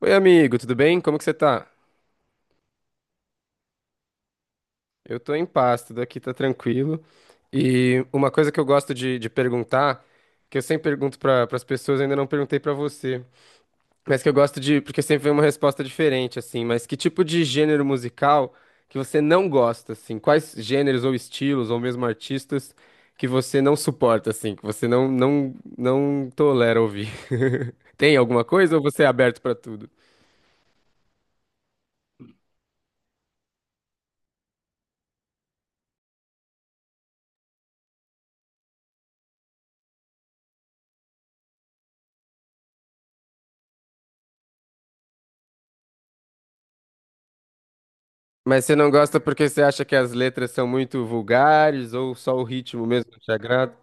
Oi, amigo, tudo bem? Como que você tá? Eu tô em paz, tudo aqui tá tranquilo. E uma coisa que eu gosto de perguntar, que eu sempre pergunto para as pessoas, eu ainda não perguntei pra você, mas que eu gosto de, porque sempre vem uma resposta diferente, assim, mas que tipo de gênero musical que você não gosta, assim? Quais gêneros ou estilos, ou mesmo artistas, que você não suporta, assim, que você não tolera ouvir? Tem alguma coisa ou você é aberto pra tudo? Mas você não gosta porque você acha que as letras são muito vulgares ou só o ritmo mesmo te agrada?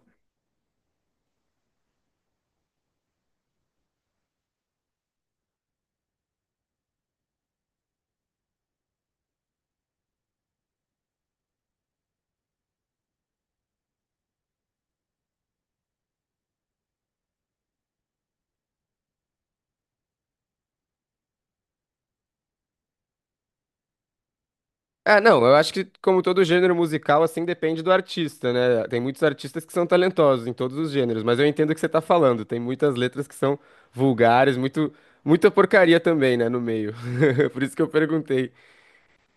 Ah, não, eu acho que como todo gênero musical, assim, depende do artista, né? Tem muitos artistas que são talentosos em todos os gêneros, mas eu entendo o que você tá falando. Tem muitas letras que são vulgares, muito, muita porcaria também, né, no meio. Por isso que eu perguntei.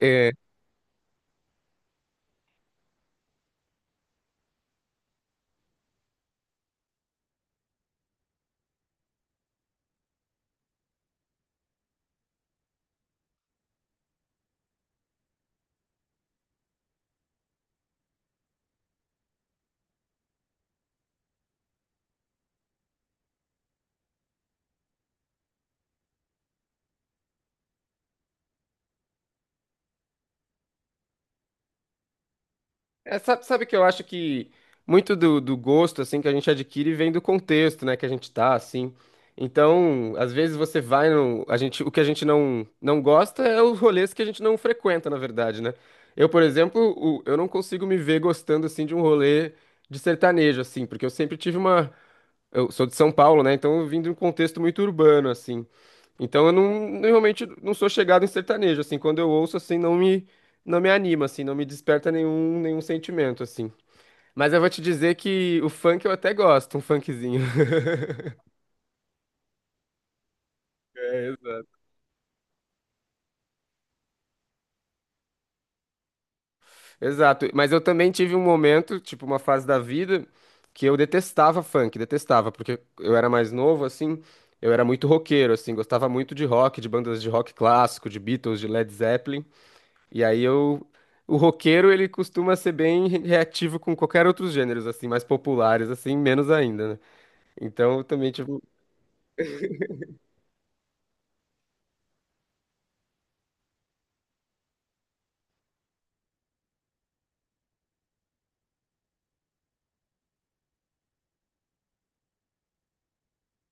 É. É, sabe, sabe que eu acho que muito do gosto assim que a gente adquire vem do contexto, né, que a gente tá assim. Então, às vezes você vai no, a gente, o que a gente não gosta é os rolês que a gente não frequenta, na verdade, né? Eu, por exemplo, eu não consigo me ver gostando assim de um rolê de sertanejo assim, porque eu sempre tive uma, eu sou de São Paulo, né? Então eu vim de um contexto muito urbano assim. Então eu não, realmente não sou chegado em sertanejo, assim, quando eu ouço, assim, não me anima, assim, não me desperta nenhum sentimento, assim. Mas eu vou te dizer que o funk eu até gosto, um funkzinho. É, exato. Exato, mas eu também tive um momento, tipo, uma fase da vida que eu detestava funk, detestava, porque eu era mais novo, assim, eu era muito roqueiro, assim, gostava muito de rock, de bandas de rock clássico, de Beatles, de Led Zeppelin. E aí eu. O roqueiro, ele costuma ser bem reativo com qualquer outros gêneros, assim, mais populares, assim, menos ainda, né? Então, eu também, tipo,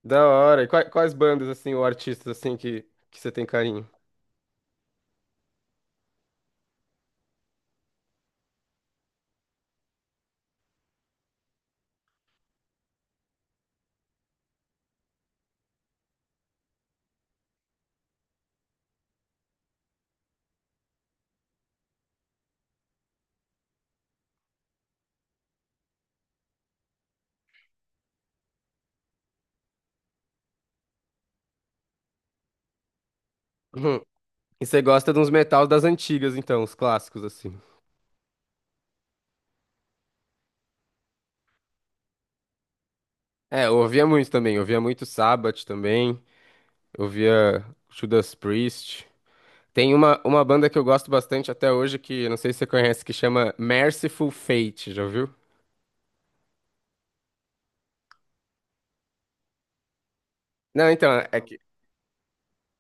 da hora. E quais bandas, assim, ou artistas, assim, que você tem carinho? Uhum. E você gosta de uns metal das antigas, então, os clássicos, assim. É, eu ouvia muito também. Eu ouvia muito Sabbath também. Eu ouvia Judas Priest. Tem uma banda que eu gosto bastante até hoje, que não sei se você conhece, que chama Merciful Fate, já ouviu? Não, então, é que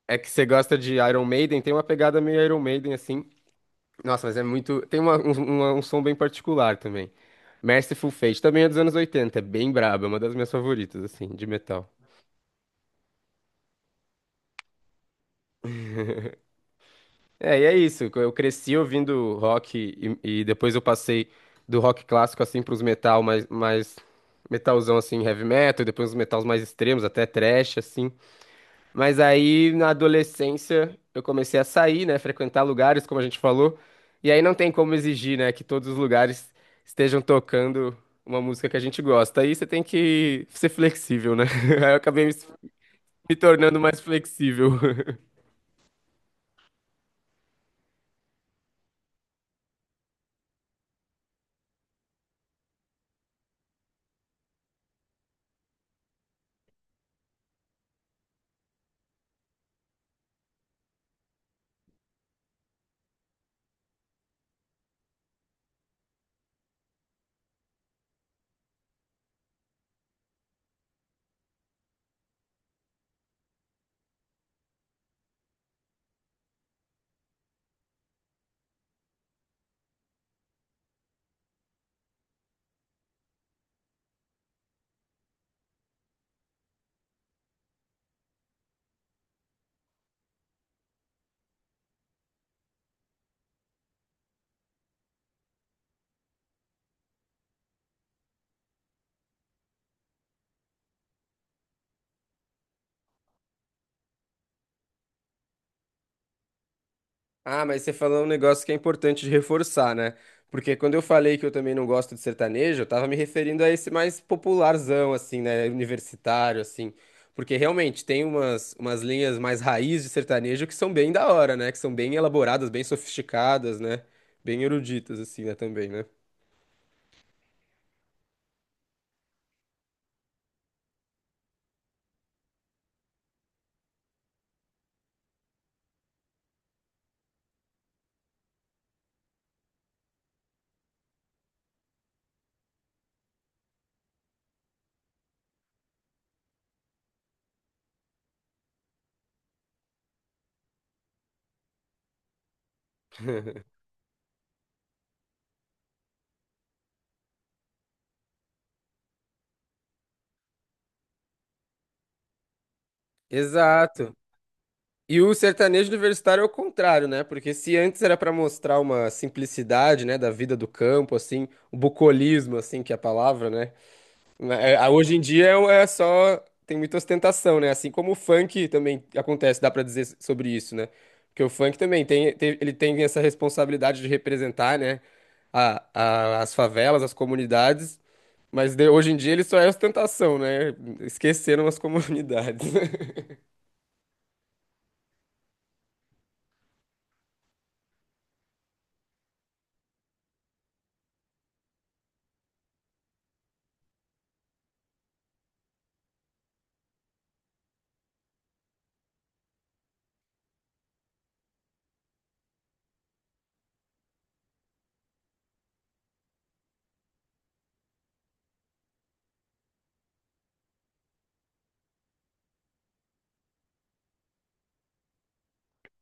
é que você gosta de Iron Maiden, tem uma pegada meio Iron Maiden, assim. Nossa, mas é muito. Tem um som bem particular também. Merciful Fate também é dos anos 80, é bem braba, é uma das minhas favoritas, assim, de metal. É, e é isso. Eu cresci ouvindo rock e depois eu passei do rock clássico, assim, pros metal mais metalzão, assim, heavy metal, depois os metals mais extremos, até thrash, assim. Mas aí, na adolescência, eu comecei a sair, né? Frequentar lugares, como a gente falou. E aí não tem como exigir, né? Que todos os lugares estejam tocando uma música que a gente gosta. Aí você tem que ser flexível, né? Aí eu acabei me, Me tornando mais flexível. Ah, mas você falou um negócio que é importante de reforçar, né? Porque quando eu falei que eu também não gosto de sertanejo, eu tava me referindo a esse mais popularzão, assim, né? Universitário, assim. Porque realmente tem umas linhas mais raiz de sertanejo que são bem da hora, né? Que são bem elaboradas, bem sofisticadas, né? Bem eruditas, assim, né? Também, né? Exato. E o sertanejo universitário é o contrário, né? Porque se antes era pra mostrar uma simplicidade, né, da vida do campo, assim, o bucolismo, assim, que é a palavra, né? É, hoje em dia é só. Tem muita ostentação, né? Assim como o funk também acontece, dá pra dizer sobre isso, né? Porque o funk também ele tem essa responsabilidade de representar, né? As favelas, as comunidades. Mas hoje em dia ele só é ostentação, né? Esqueceram as comunidades.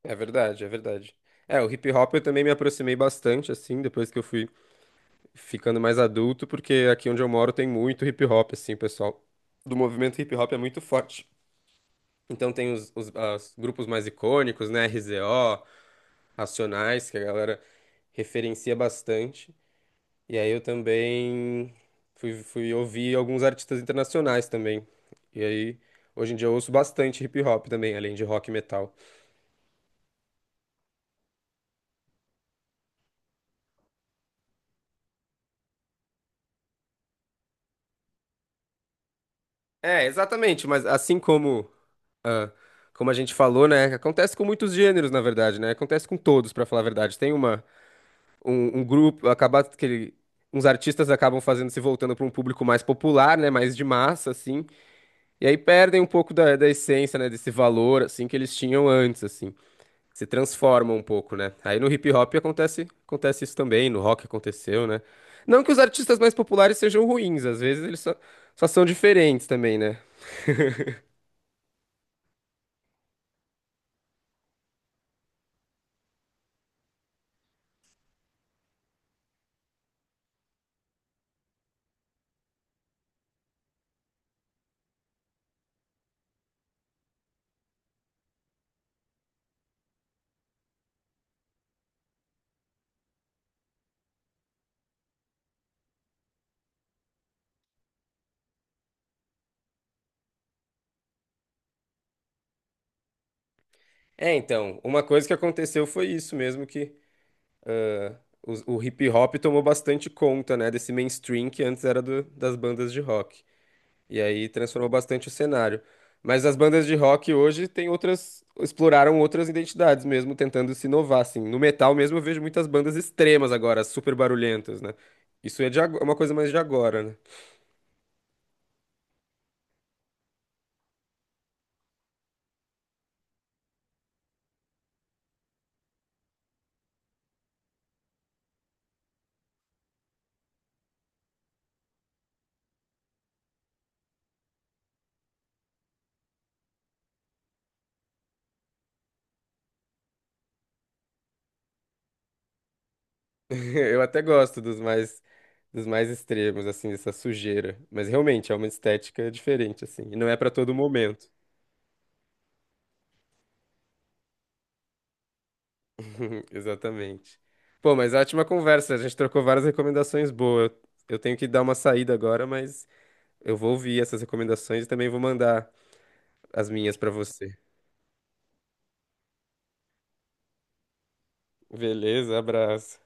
É verdade, é verdade. É, o hip hop eu também me aproximei bastante, assim, depois que eu fui ficando mais adulto, porque aqui onde eu moro tem muito hip hop, assim, o pessoal. Do movimento hip hop é muito forte. Então tem os as grupos mais icônicos, né? RZO, Racionais, que a galera referencia bastante. E aí eu também fui ouvir alguns artistas internacionais também. E aí hoje em dia eu ouço bastante hip hop também, além de rock e metal. É, exatamente, mas assim como, ah, como a gente falou, né? Acontece com muitos gêneros, na verdade, né? Acontece com todos, pra falar a verdade. Tem uma. Um grupo, acaba que uns artistas acabam fazendo se voltando para um público mais popular, né, mais de massa, assim, e aí perdem um pouco da essência, né, desse valor, assim, que eles tinham antes, assim, se transformam um pouco, né. Aí no hip hop acontece, acontece isso também, no rock aconteceu, né. Não que os artistas mais populares sejam ruins, às vezes só são diferentes também, né. É, então, uma coisa que aconteceu foi isso mesmo que o hip hop tomou bastante conta, né, desse mainstream que antes era das bandas de rock. E aí transformou bastante o cenário. Mas as bandas de rock hoje têm outras, exploraram outras identidades mesmo, tentando se inovar, assim. No metal mesmo eu vejo muitas bandas extremas agora, super barulhentas, né? Isso é de é uma coisa mais de agora, né? Eu até gosto dos mais extremos, assim, dessa sujeira, mas realmente é uma estética diferente assim, e não é pra todo momento. Exatamente. Pô, mas ótima conversa, a gente trocou várias recomendações boas. Eu tenho que dar uma saída agora, mas eu vou ouvir essas recomendações e também vou mandar as minhas pra você. Beleza, abraço.